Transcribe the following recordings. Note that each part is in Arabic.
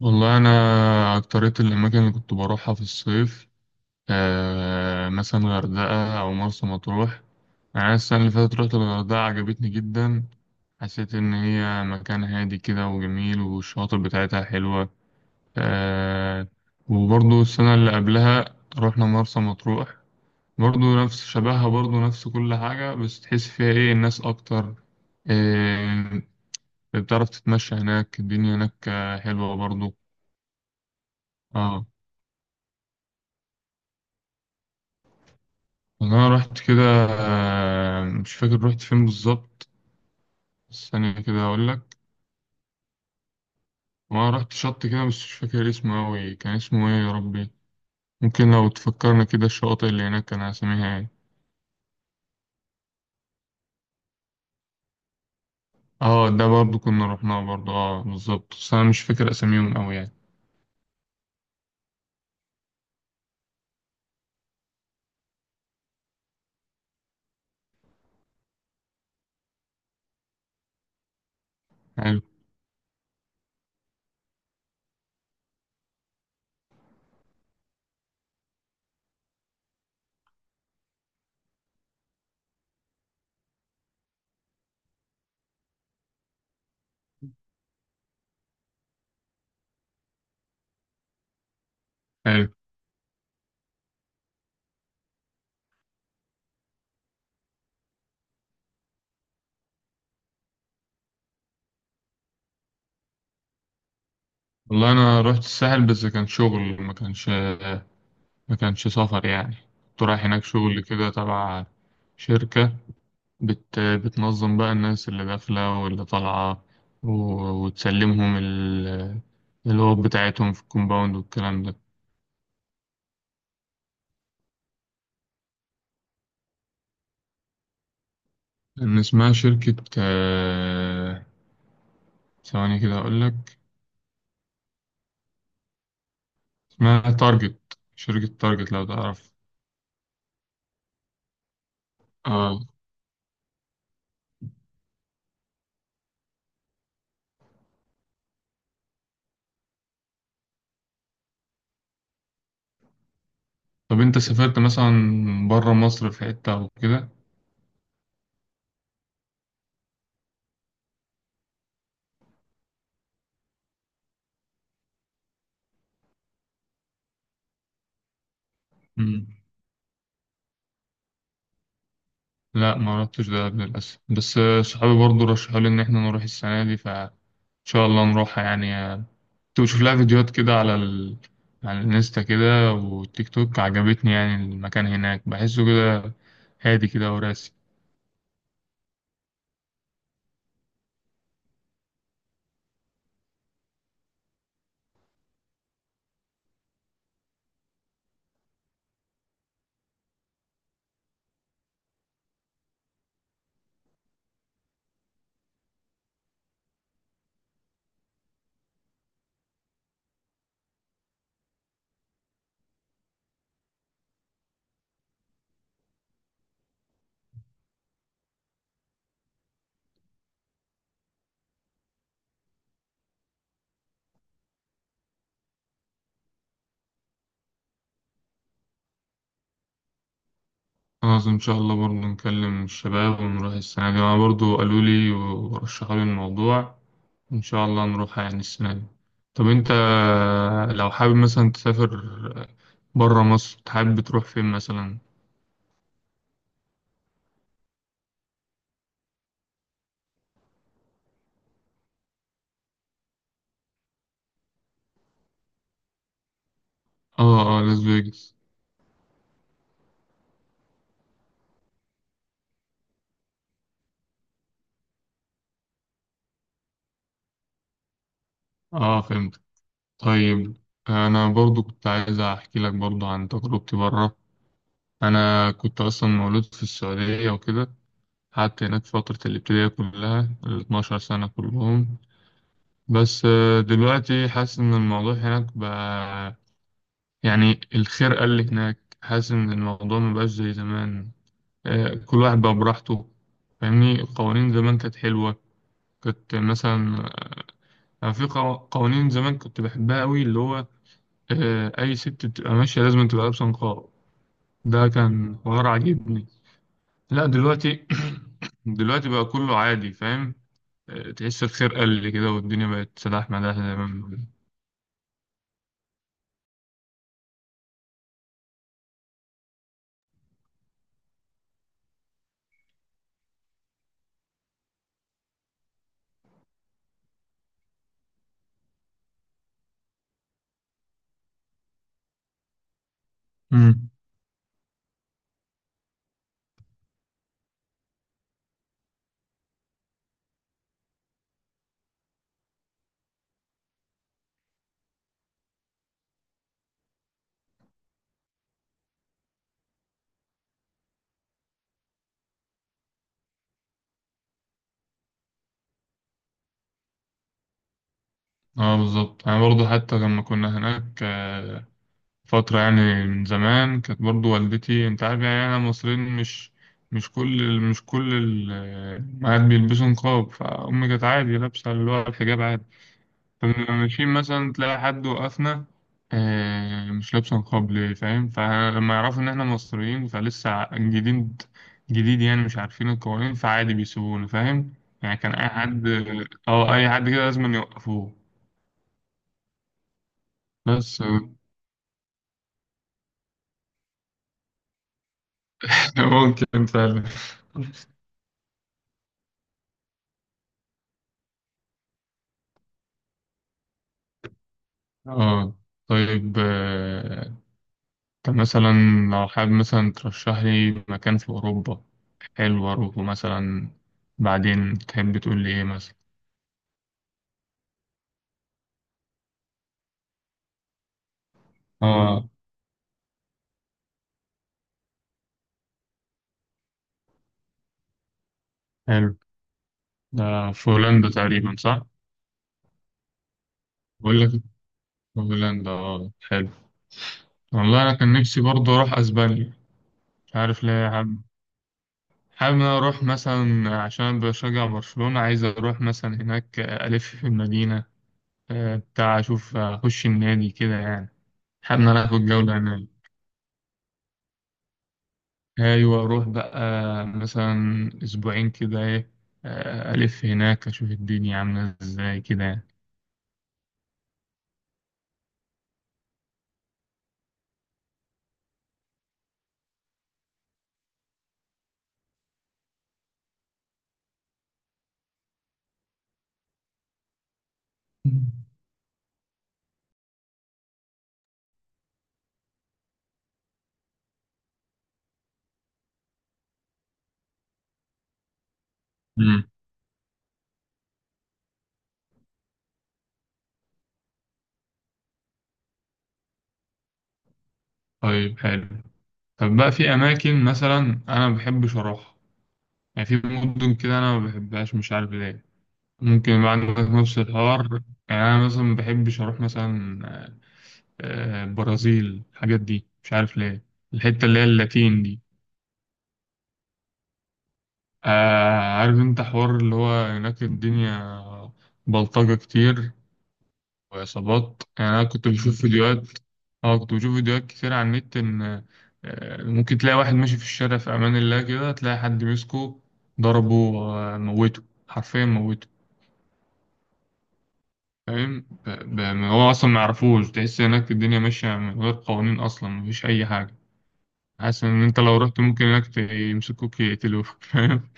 والله أنا أكترية الأماكن اللي كنت بروحها في الصيف. مثلا غردقة أو مرسى مطروح. أنا السنة اللي فاتت رحت الغردقة، عجبتني جدا. حسيت إن هي مكان هادي كده وجميل، والشواطئ بتاعتها حلوة. آه. وبرضو السنة اللي قبلها رحنا مرسى مطروح برضو، نفس شبهها، برضو نفس كل حاجة، بس تحس فيها إيه، الناس أكتر. آه بتعرف تتمشى هناك. الدنيا هناك حلوة برضو. اه، والله أنا رحت كده. مش فاكر رحت فين بالظبط. ثانية كده هقول لك. وأنا رحت شط كده بس مش فاكر اسمه أوي. كان اسمه إيه يا ربي؟ ممكن لو تفكرنا كده، الشواطئ اللي هناك كان أساميها إيه؟ أه، ده برضو كنا رحناه، برضو أه بالظبط، بس أنا مش فاكر أساميهم أوي يعني. حلو، حلو. والله أنا رحت الساحل بس كان شغل، ما كانش سفر يعني. كنت رايح هناك شغل كده، تبع شركة بتنظم بقى الناس اللي داخلة واللي طالعة و... وتسلمهم الأوض بتاعتهم في الكومباوند والكلام ده. إن اسمها شركة، ثواني كده أقولك. اسمها تارجت، شركة تارجت لو تعرف. اه. طب أنت سافرت مثلا برا مصر في حتة أو كده؟ لا، ما عرفتش ده قبل للأسف، بس آه، صحابي برضو رشحوا لي إن إحنا نروح السنة دي، فإن شاء الله نروحها يعني. كنت بشوف لها فيديوهات كده على على الانستا كده والتيك توك. عجبتني يعني، المكان هناك بحسه كده هادي كده وراسي. خلاص إن شاء الله، برضو نكلم الشباب ونروح السنة دي. أنا برضو قالوا لي ورشحوا لي الموضوع، إن شاء الله نروحها يعني السنة دي. طب أنت لو حابب مثلا تسافر بره مصر، تحب تروح فين مثلا؟ اه اه، لاس فيجاس. اه فهمت. طيب، انا برضو كنت عايز احكي لك برضو عن تجربتي بره. انا كنت اصلا مولود في السعوديه وكده. قعدت هناك فتره الابتدائيه كلها، ال 12 سنه كلهم. بس دلوقتي حاسس ان الموضوع هناك بقى، يعني الخرقه اللي هناك، حاسس ان الموضوع مبقاش زي زمان. كل واحد بقى براحته، فاهمني؟ القوانين زمان كانت حلوة. كنت مثلا، أنا في قوانين زمان كنت بحبها قوي، اللي هو أي ست بتبقى ماشية لازم تبقى لابسة نقاب. ده كان حوار عاجبني. لا دلوقتي، دلوقتي بقى كله عادي، فاهم؟ تحس الخير قل كده، والدنيا بقت سلاح مداح زي ما بنقول. امم. اه بالظبط. انا برضو حتى لما كنا هناك فترة يعني من زمان، كانت برضو والدتي، انت عارف يعني انا مصريين، مش كل الأمهات بيلبسوا نقاب، فأمي كانت عادي لابسة اللي هو الحجاب عادي. فلما ماشيين مثلا تلاقي حد وقفنا، مش لابس نقاب ليه، فاهم؟ فلما يعرفوا إن إحنا مصريين، فلسه جديد، جديد يعني، مش عارفين القوانين، فعادي بيسيبونا فاهم. يعني كان أي حد، أه أي حد كده لازم يوقفوه. بس ممكن فعلا. اه طيب. طب مثلا لو حابب مثلا ترشح لي مكان في أوروبا حلو أروحه مثلا، بعدين تحب تقول لي إيه مثلا؟ اه حلو، ده في هولندا تقريبا صح؟ بقول لك، في هولندا اه، حلو. والله أنا كان نفسي برضه أروح أسبانيا. مش عارف ليه، حابب، حابب إن أنا أروح مثلا عشان بشجع برشلونة، عايز أروح مثلا هناك ألف في المدينة، بتاع أشوف، أخش النادي كده يعني. حابب إن أنا آخد جولة هناك. أيوة أروح بقى مثلا أسبوعين كده، إيه، ألف هناك أشوف الدنيا عاملة إزاي كده يعني. مم. طيب حلو. طب بقى في أماكن مثلا أنا ما بحبش أروحها، يعني في مدن كده أنا ما بحبهاش مش عارف ليه. ممكن بقى عندك نفس الحوار، يعني أنا مثلا ما بحبش أروح مثلا البرازيل، الحاجات دي، مش عارف ليه. الحتة اللي هي اللاتين دي، عارف أنت حوار اللي هو هناك الدنيا بلطجة كتير وإصابات، يعني أنا كنت بشوف فيديوهات. أه كنت بشوف فيديوهات كتير على النت، إن ممكن تلاقي واحد ماشي في الشارع في أمان الله كده، تلاقي حد مسكه ضربه، موته، حرفيا موته، فاهم؟ هو أصلا ما يعرفوش، تحس هناك الدنيا ماشية من غير قوانين أصلا، مفيش أي حاجة. حاسس إن أنت لو رحت ممكن هناك يمسكوك يقتلوك فاهم.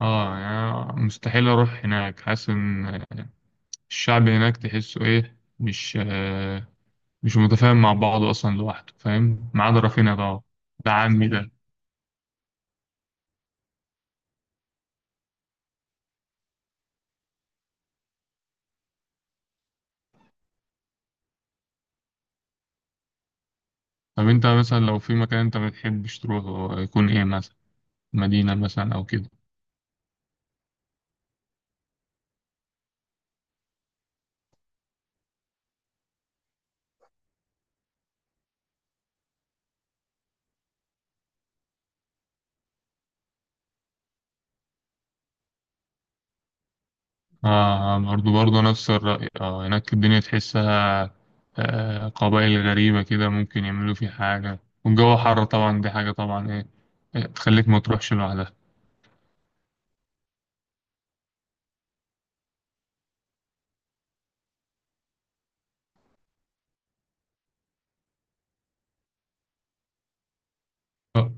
اه يعني مستحيل أروح هناك. حاسس إن الشعب هناك تحسه إيه، مش مش متفاهم مع بعضه أصلا لوحده فاهم، ما عدا رافينيا طبعا، ده عمي ده. طب أنت مثلا لو في مكان أنت ما بتحبش تروحه، يكون إيه مثلا؟ مدينة مثلا أو كده؟ آه برضه نفس الرأي. آه هناك الدنيا تحسها آه، قبائل غريبة كده، ممكن يعملوا في حاجة. والجو حر طبعا، دي حاجة طبعا، إيه، إيه، تخليك ما تروحش لوحدها. آه،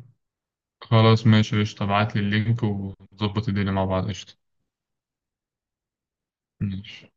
خلاص ماشي، قشطة، ابعتلي اللينك ونظبط الدنيا مع بعض. قشطة ماشي.